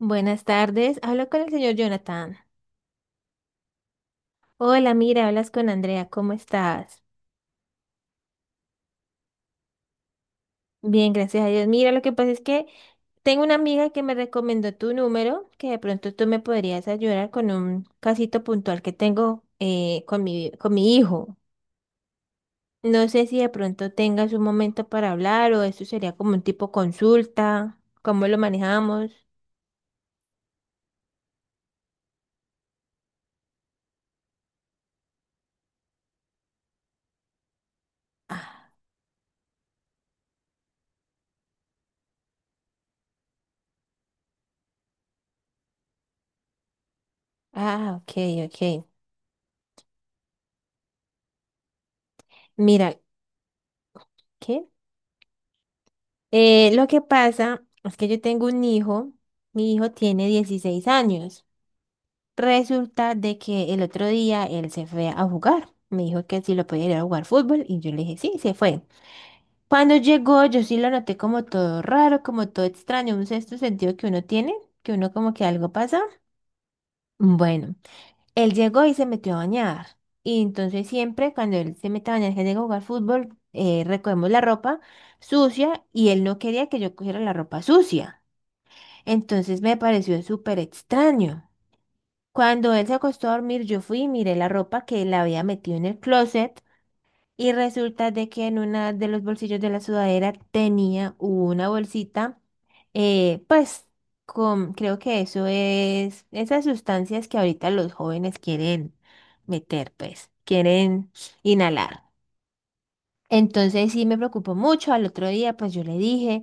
Buenas tardes, hablo con el señor Jonathan. Hola, mira, hablas con Andrea, ¿cómo estás? Bien, gracias a Dios. Mira, lo que pasa es que tengo una amiga que me recomendó tu número, que de pronto tú me podrías ayudar con un casito puntual que tengo con mi hijo. No sé si de pronto tengas un momento para hablar o eso sería como un tipo consulta, ¿cómo lo manejamos? Ah, ah, ok, ok. Mira, ¿qué? Lo que pasa es que yo tengo un hijo, mi hijo tiene 16 años. Resulta de que el otro día él se fue a jugar. Me dijo que si lo podía ir a jugar fútbol y yo le dije, sí, se fue. Cuando llegó, yo sí lo noté como todo raro, como todo extraño, un sexto sentido que uno tiene, que uno como que algo pasa. Bueno, él llegó y se metió a bañar. Y entonces siempre cuando él se mete a bañar, que llega a jugar fútbol, recogemos la ropa sucia y él no quería que yo cogiera la ropa sucia. Entonces me pareció súper extraño. Cuando él se acostó a dormir, yo fui y miré la ropa que él había metido en el closet y resulta de que en una de los bolsillos de la sudadera tenía una bolsita, eh, pues con, creo que eso es esas sustancias que ahorita los jóvenes quieren meter, pues quieren inhalar. Entonces sí me preocupó mucho. Al otro día, pues yo le dije,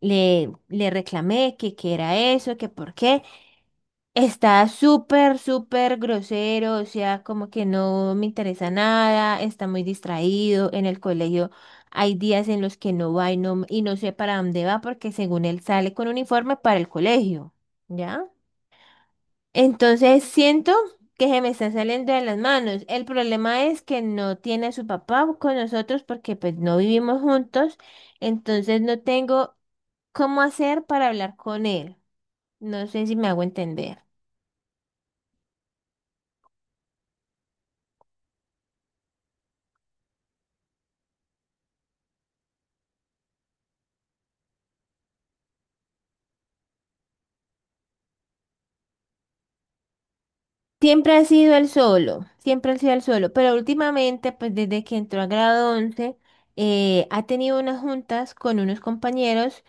le reclamé que qué era eso, que por qué. Está súper, súper grosero, o sea, como que no me interesa nada, está muy distraído en el colegio. Hay días en los que no va y y no sé para dónde va porque según él sale con uniforme para el colegio, ¿ya? Entonces siento que se me está saliendo de las manos. El problema es que no tiene a su papá con nosotros porque pues no vivimos juntos, entonces no tengo cómo hacer para hablar con él. No sé si me hago entender. Siempre ha sido el solo, siempre ha sido el solo, pero últimamente, pues desde que entró a grado 11, ha tenido unas juntas con unos compañeros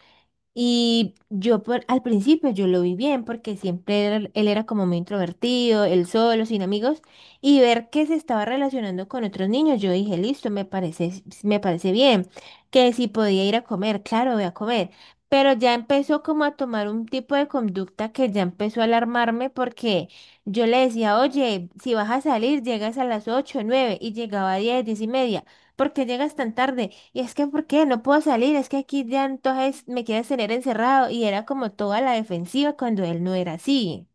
y al principio yo lo vi bien porque él era como muy introvertido, él solo, sin amigos, y ver que se estaba relacionando con otros niños, yo dije, listo, me parece bien, que si podía ir a comer, claro, voy a comer, pero ya empezó como a tomar un tipo de conducta que ya empezó a alarmarme porque yo le decía, oye, si vas a salir, llegas a las 8 o 9 y llegaba a 10 10 y media. ¿Por qué llegas tan tarde? Y es que, ¿por qué no puedo salir? Es que aquí ya entonces me quieres tener encerrado y era como toda la defensiva cuando él no era así.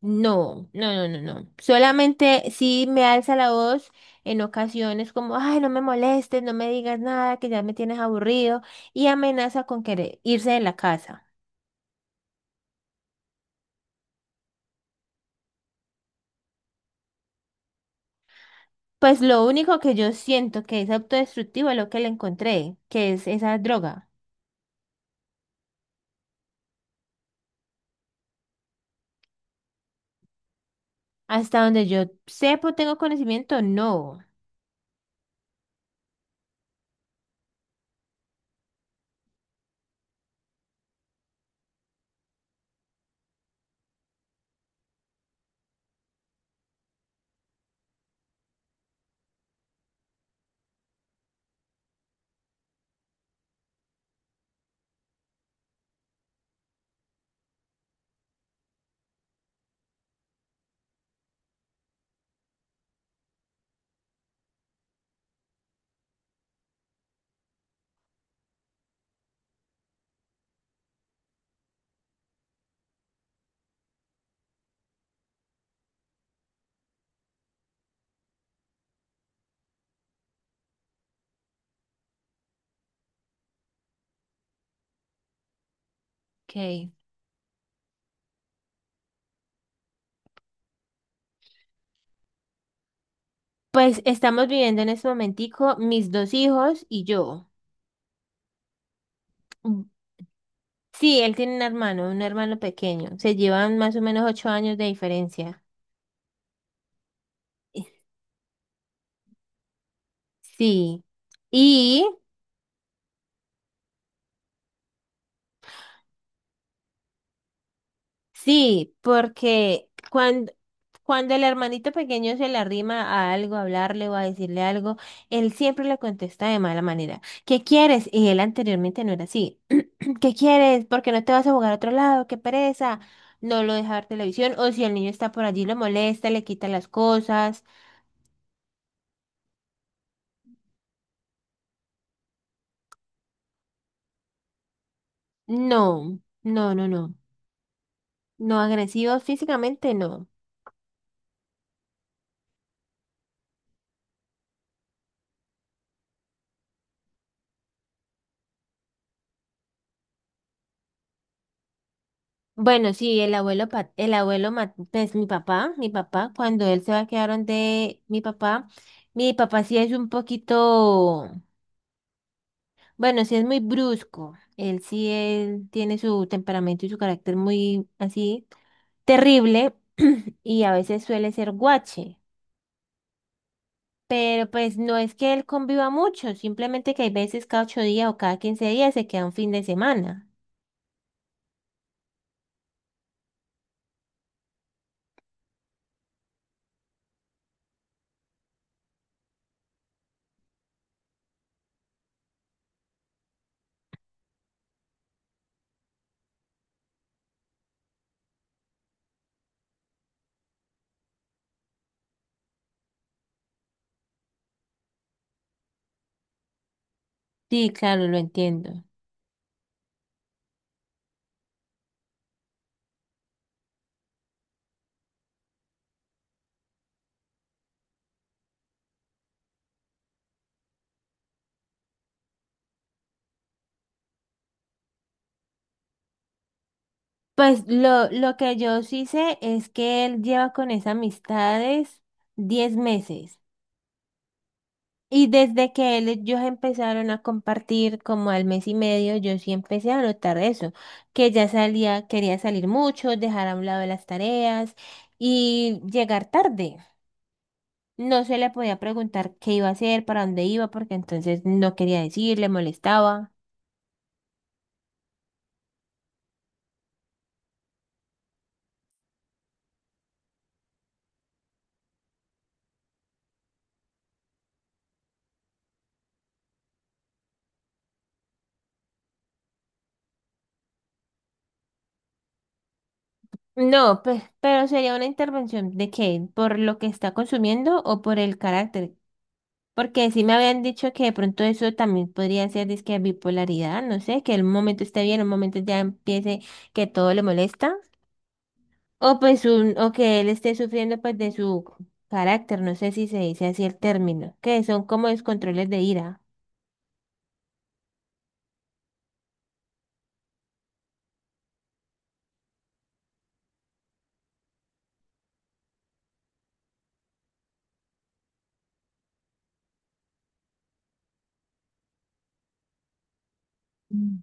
No, no, no, no, no. Solamente sí me alza la voz en ocasiones como, ay, no me molestes, no me digas nada, que ya me tienes aburrido, y amenaza con querer irse de la casa. Pues lo único que yo siento que es autodestructivo es lo que le encontré, que es esa droga. Hasta donde yo sepa, tengo conocimiento, no. Ok. Pues estamos viviendo en este momentico mis dos hijos y yo. Mm. Sí, él tiene un hermano pequeño. Se llevan más o menos 8 años de diferencia. Eh, Sí. Y sí, porque cuando el hermanito pequeño se le arrima a algo, a hablarle o a decirle algo, él siempre le contesta de mala manera. ¿Qué quieres? Y él anteriormente no era así. ¿Qué quieres? ¿Por qué no te vas a jugar a otro lado? ¡Qué pereza! No lo deja ver televisión o si el niño está por allí lo molesta, le quita las cosas. No, no, no, no. No agresivos físicamente, no. Bueno, sí, el abuelo, pues mi papá, cuando él se va a quedar donde mi papá, sí es un poquito. Bueno, sí es muy brusco. Él sí, él tiene su temperamento y su carácter muy así terrible y a veces suele ser guache. Pero pues no es que él conviva mucho, simplemente que hay veces cada 8 días o cada 15 días se queda un fin de semana. Sí, claro, lo entiendo. Pues lo que yo sí sé es que él lleva con esas amistades 10 meses. Y desde que él, ellos empezaron a compartir como al mes y medio, yo sí empecé a notar eso, que ya salía, quería salir mucho, dejar a un lado las tareas y llegar tarde. No se le podía preguntar qué iba a hacer, para dónde iba, porque entonces no quería decir, le molestaba. No, pues, pero sería una intervención de qué, ¿por lo que está consumiendo o por el carácter? Porque sí me habían dicho que de pronto eso también podría ser disque bipolaridad, no sé, que en un momento esté bien, en un momento ya empiece que todo le molesta. O pues o que él esté sufriendo pues de su carácter, no sé si se dice así el término, que son como descontroles de ira. Mm.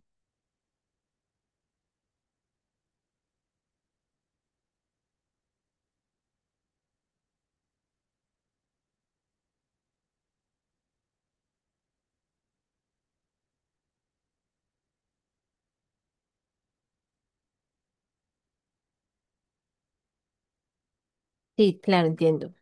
Sí, claro, entiendo.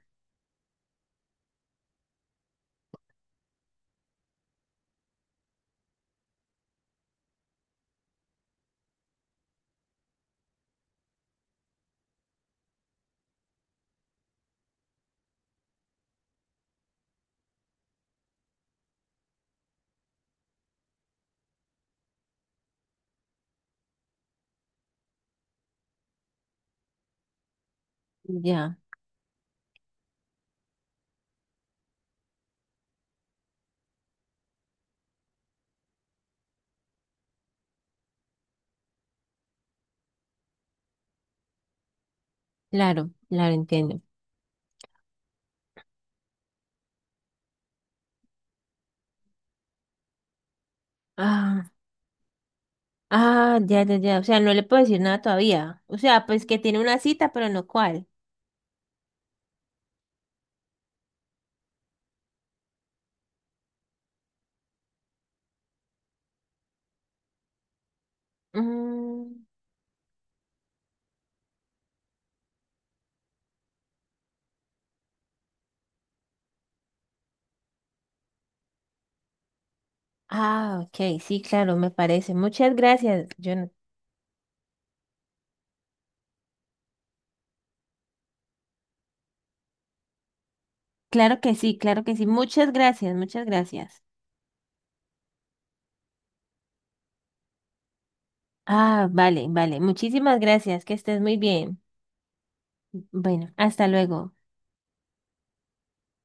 Ya, claro, claro, entiendo. Ah, ah, ya, ya, ya. O sea, no le puedo decir nada todavía. O sea, pues que tiene una cita, pero no cuál. Mm. Ah, ok, sí, claro, me parece. Muchas gracias, Jonathan. Claro que sí, claro que sí. Muchas gracias, muchas gracias. Ah, vale, vale. Muchísimas gracias, que estés muy bien. Bueno, hasta luego.